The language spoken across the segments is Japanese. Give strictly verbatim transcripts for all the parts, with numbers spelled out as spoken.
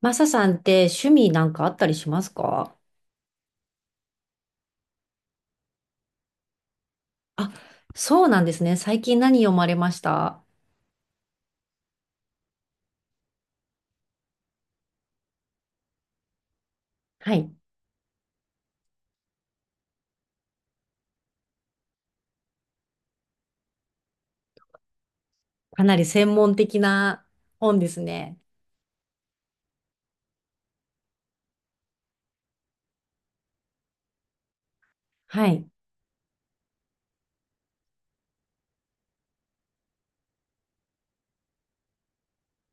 マサさんって趣味なんかあったりしますか？あ、そうなんですね。最近何読まれました？はい。かなり専門的な本ですね。はい。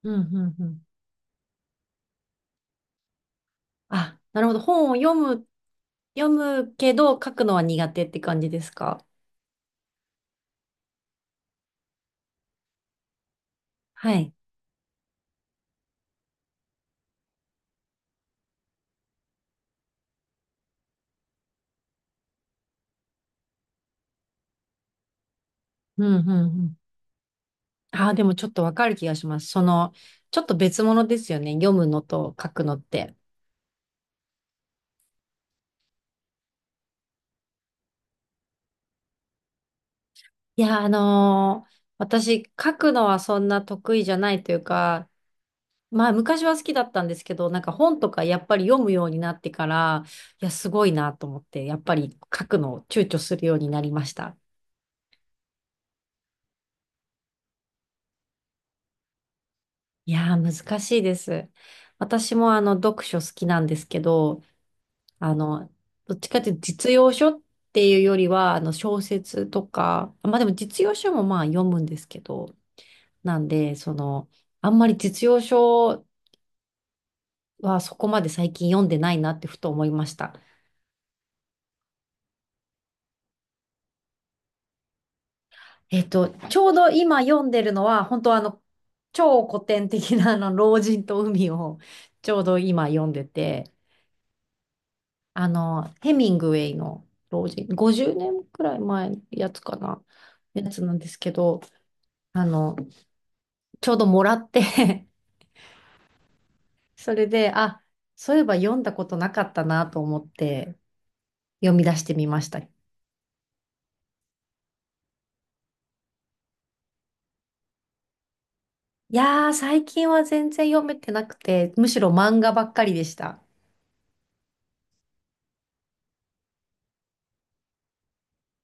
うん、うん、うん。あ、なるほど。本を読む、読むけど書くのは苦手って感じですか？はい。うん、うん、うん。あー、でもちょっとわかる気がします。その、ちょっと別物ですよね。読むのと書くのって。いや、あのー私、書くのはそんな得意じゃないというか、まあ、昔は好きだったんですけど、なんか本とかやっぱり読むようになってから、いや、すごいなと思って、やっぱり書くのを躊躇するようになりました。いやー、難しいです。私もあの、読書好きなんですけど、あの、どっちかっていうと実用書っていうよりは、あの、小説とか、まあでも実用書もまあ読むんですけど、なんで、その、あんまり実用書はそこまで最近読んでないなってふと思いました。えっと、ちょうど今読んでるのは、本当あの、超古典的なあの、老人と海をちょうど今読んでて、あの、ヘミングウェイの老人、ごじゅうねんくらい前のやつかな、やつなんですけど、あの、ちょうどもらって それで、あ、そういえば読んだことなかったなと思って読み出してみました。いやー、最近は全然読めてなくて、むしろ漫画ばっかりでした。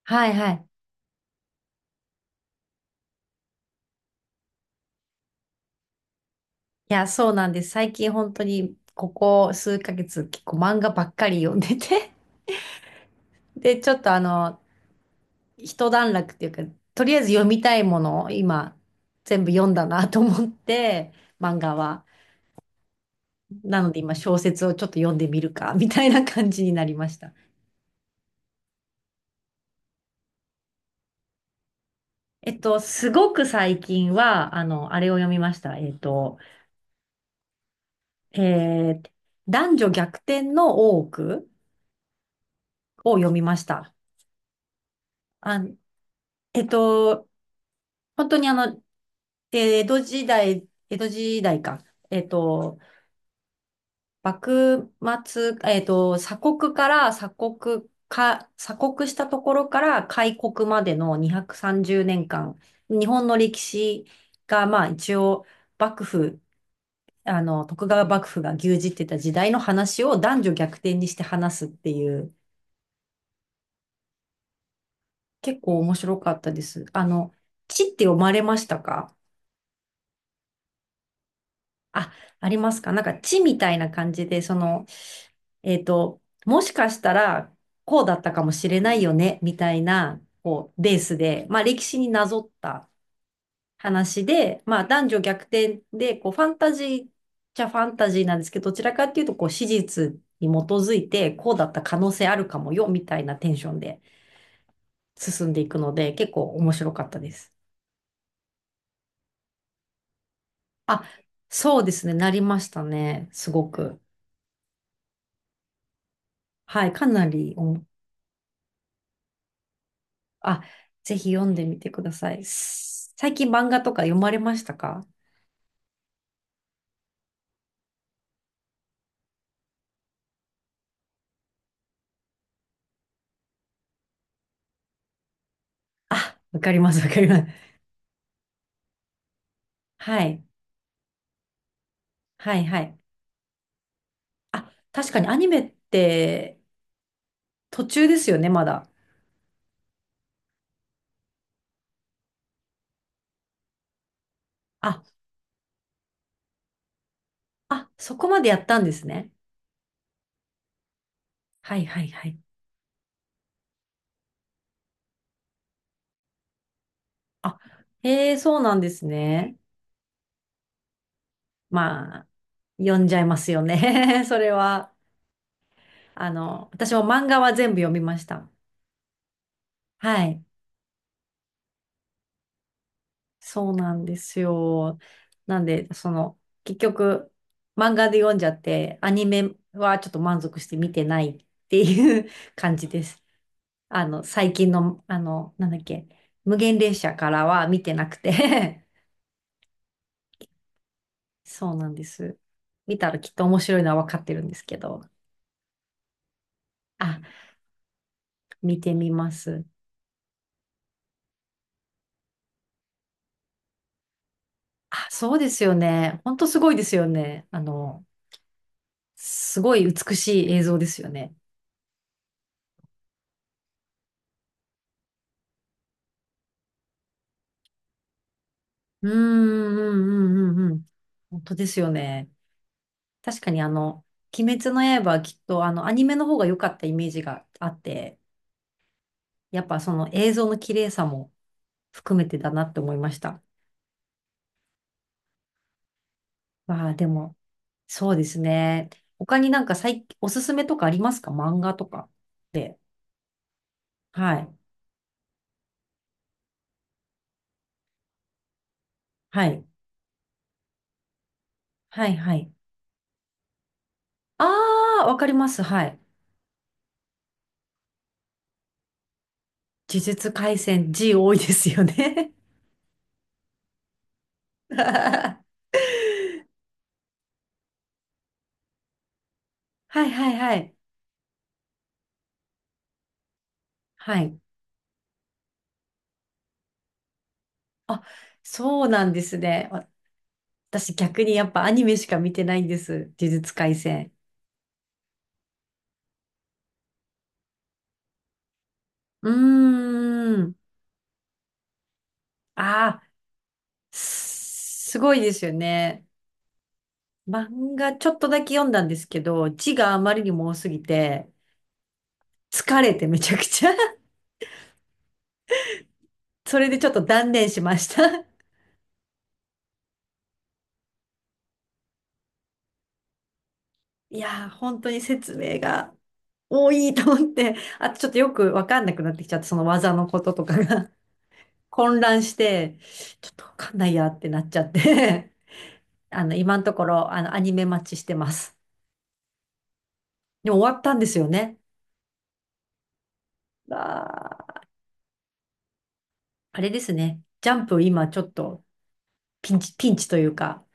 はいはい。いや、そうなんです。最近本当にここ数ヶ月結構漫画ばっかり読んでて で、ちょっとあの、一段落っていうか、とりあえず読みたいものを今全部読んだなと思って、漫画は。なので今小説をちょっと読んでみるか、みたいな感じになりました。えっと、すごく最近は、あの、あれを読みました。えっと、えー男女逆転の大奥を読みました。あ、えっと、本当にあの、で、江戸時代、江戸時代か。えっと、幕末、えっと、鎖国から鎖国か、鎖国したところから開国までのにひゃくさんじゅうねんかん、日本の歴史が、まあ一応、幕府、あの、徳川幕府が牛耳ってた時代の話を男女逆転にして話すっていう、結構面白かったです。あの、地って読まれましたか？あ、ありますか？なんか地みたいな感じで、その、えっと、もしかしたらこうだったかもしれないよね、みたいな、こう、ベースで、まあ歴史になぞった話で、まあ男女逆転で、こう、ファンタジーっちゃファンタジーなんですけど、どちらかっていうと、こう、史実に基づいて、こうだった可能性あるかもよ、みたいなテンションで進んでいくので、結構面白かったです。あ、そうですね、なりましたね、すごく。はい、かなり。あ、ぜひ読んでみてください。す最近漫画とか読まれましたか？あ、わかります、わかります。はい、はい、はい。あ、確かにアニメって途中ですよね、まだ。あ、あ、そこまでやったんですね。はい、はい、はい。あ、へえ、そうなんですね。まあ、読んじゃいますよね。それは。あの、私も漫画は全部読みました。はい。そうなんですよ。なんで、その、結局、漫画で読んじゃって、アニメはちょっと満足して見てないっていう 感じです。あの、最近の、あの、なんだっけ、無限列車からは見てなくて そうなんです。見たらきっと面白いのは分かってるんですけど。あ、見てみます。あ、そうですよね。ほんとすごいですよね。あの、すごい美しい映像ですよね。うーん、うん、うん、うん。うん、本当ですよね。確かにあの、鬼滅の刃はきっとあの、アニメの方が良かったイメージがあって、やっぱその映像の綺麗さも含めてだなって思いました。まあでも、そうですね。他になんか最おすすめとかありますか？漫画とかで。はい。はい。はい、はい。ああ、わかります。はい。呪術廻戦 G 多いですよね。はい、はい、はい。はい。あ、そうなんですね。私逆にやっぱアニメしか見てないんです。呪術廻戦。うーん。ああ、すすごいですよね。漫画ちょっとだけ読んだんですけど、字があまりにも多すぎて、疲れてめちゃくちゃ それでちょっと断念しました。いやー、本当に説明が多いと思って、あとちょっとよくわかんなくなってきちゃって、その技のこととかが 混乱して、ちょっとわかんないやってなっちゃってあの、今のところ、あの、アニメ待ちしてます。でも終わったんですよね。あー、あれですね。ジャンプ今ちょっとピンチ、ピンチというか、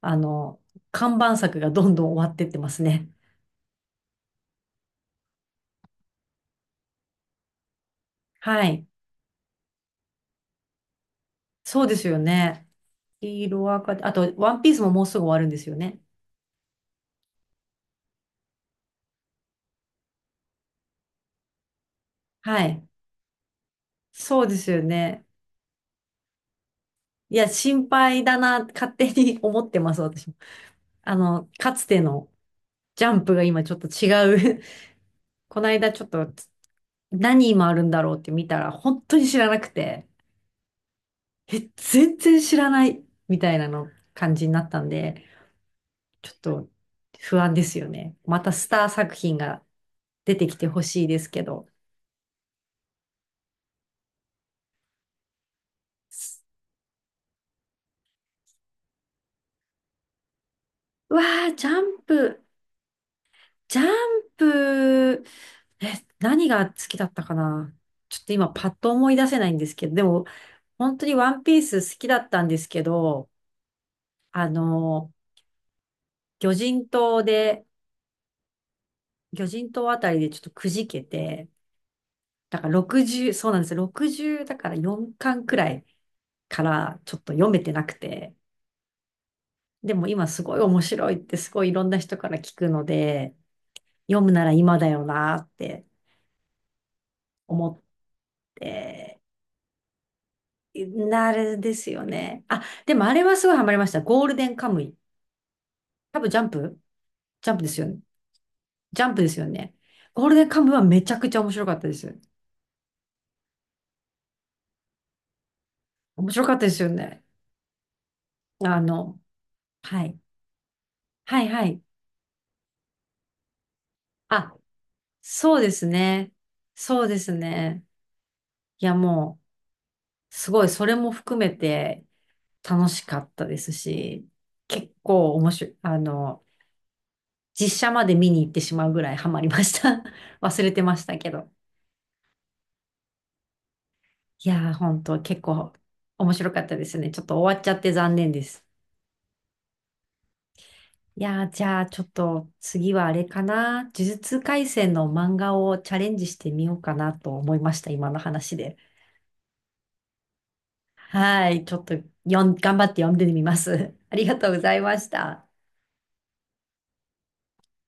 あの、看板作がどんどん終わってってますね。はい。そうですよね。ヒーローアカデあと、ワンピースももうすぐ終わるんですよね。はい。そうですよね。いや、心配だな、勝手に 思ってます、私も。あの、かつてのジャンプが今ちょっと違う この間ちょっと何今あるんだろうって見たら本当に知らなくて、え、全然知らないみたいなの感じになったんで、ちょっと不安ですよね。またスター作品が出てきてほしいですけど。うわー、ジャンプ、ジャンプ、え、何が好きだったかな。ちょっと今パッと思い出せないんですけど、でも本当にワンピース好きだったんですけど、あの、魚人島で、魚人島あたりでちょっとくじけて、だからろくじゅう、そうなんですよ。ろくじゅうだからよんかんくらいからちょっと読めてなくて。でも今すごい面白いってすごいいろんな人から聞くので、読むなら今だよなって思って、なるですよね。あ、でもあれはすごいハマりました。ゴールデンカムイ。多分ジャンプジャンプですよね。ジャンプですよね。ゴールデンカムイはめちゃくちゃ面白かったです。面白かったですよね。あの、はい。はいはい。あ、そうですね。そうですね。いや、もう、すごい、それも含めて楽しかったですし、結構面白い、あの、実写まで見に行ってしまうぐらいハマりました。忘れてましたけど。いやー、本当結構面白かったですね。ちょっと終わっちゃって残念です。いやー、じゃあ、ちょっと次はあれかな。呪術廻戦の漫画をチャレンジしてみようかなと思いました、今の話で。はい、ちょっとよん、頑張って読んでみます。ありがとうございました。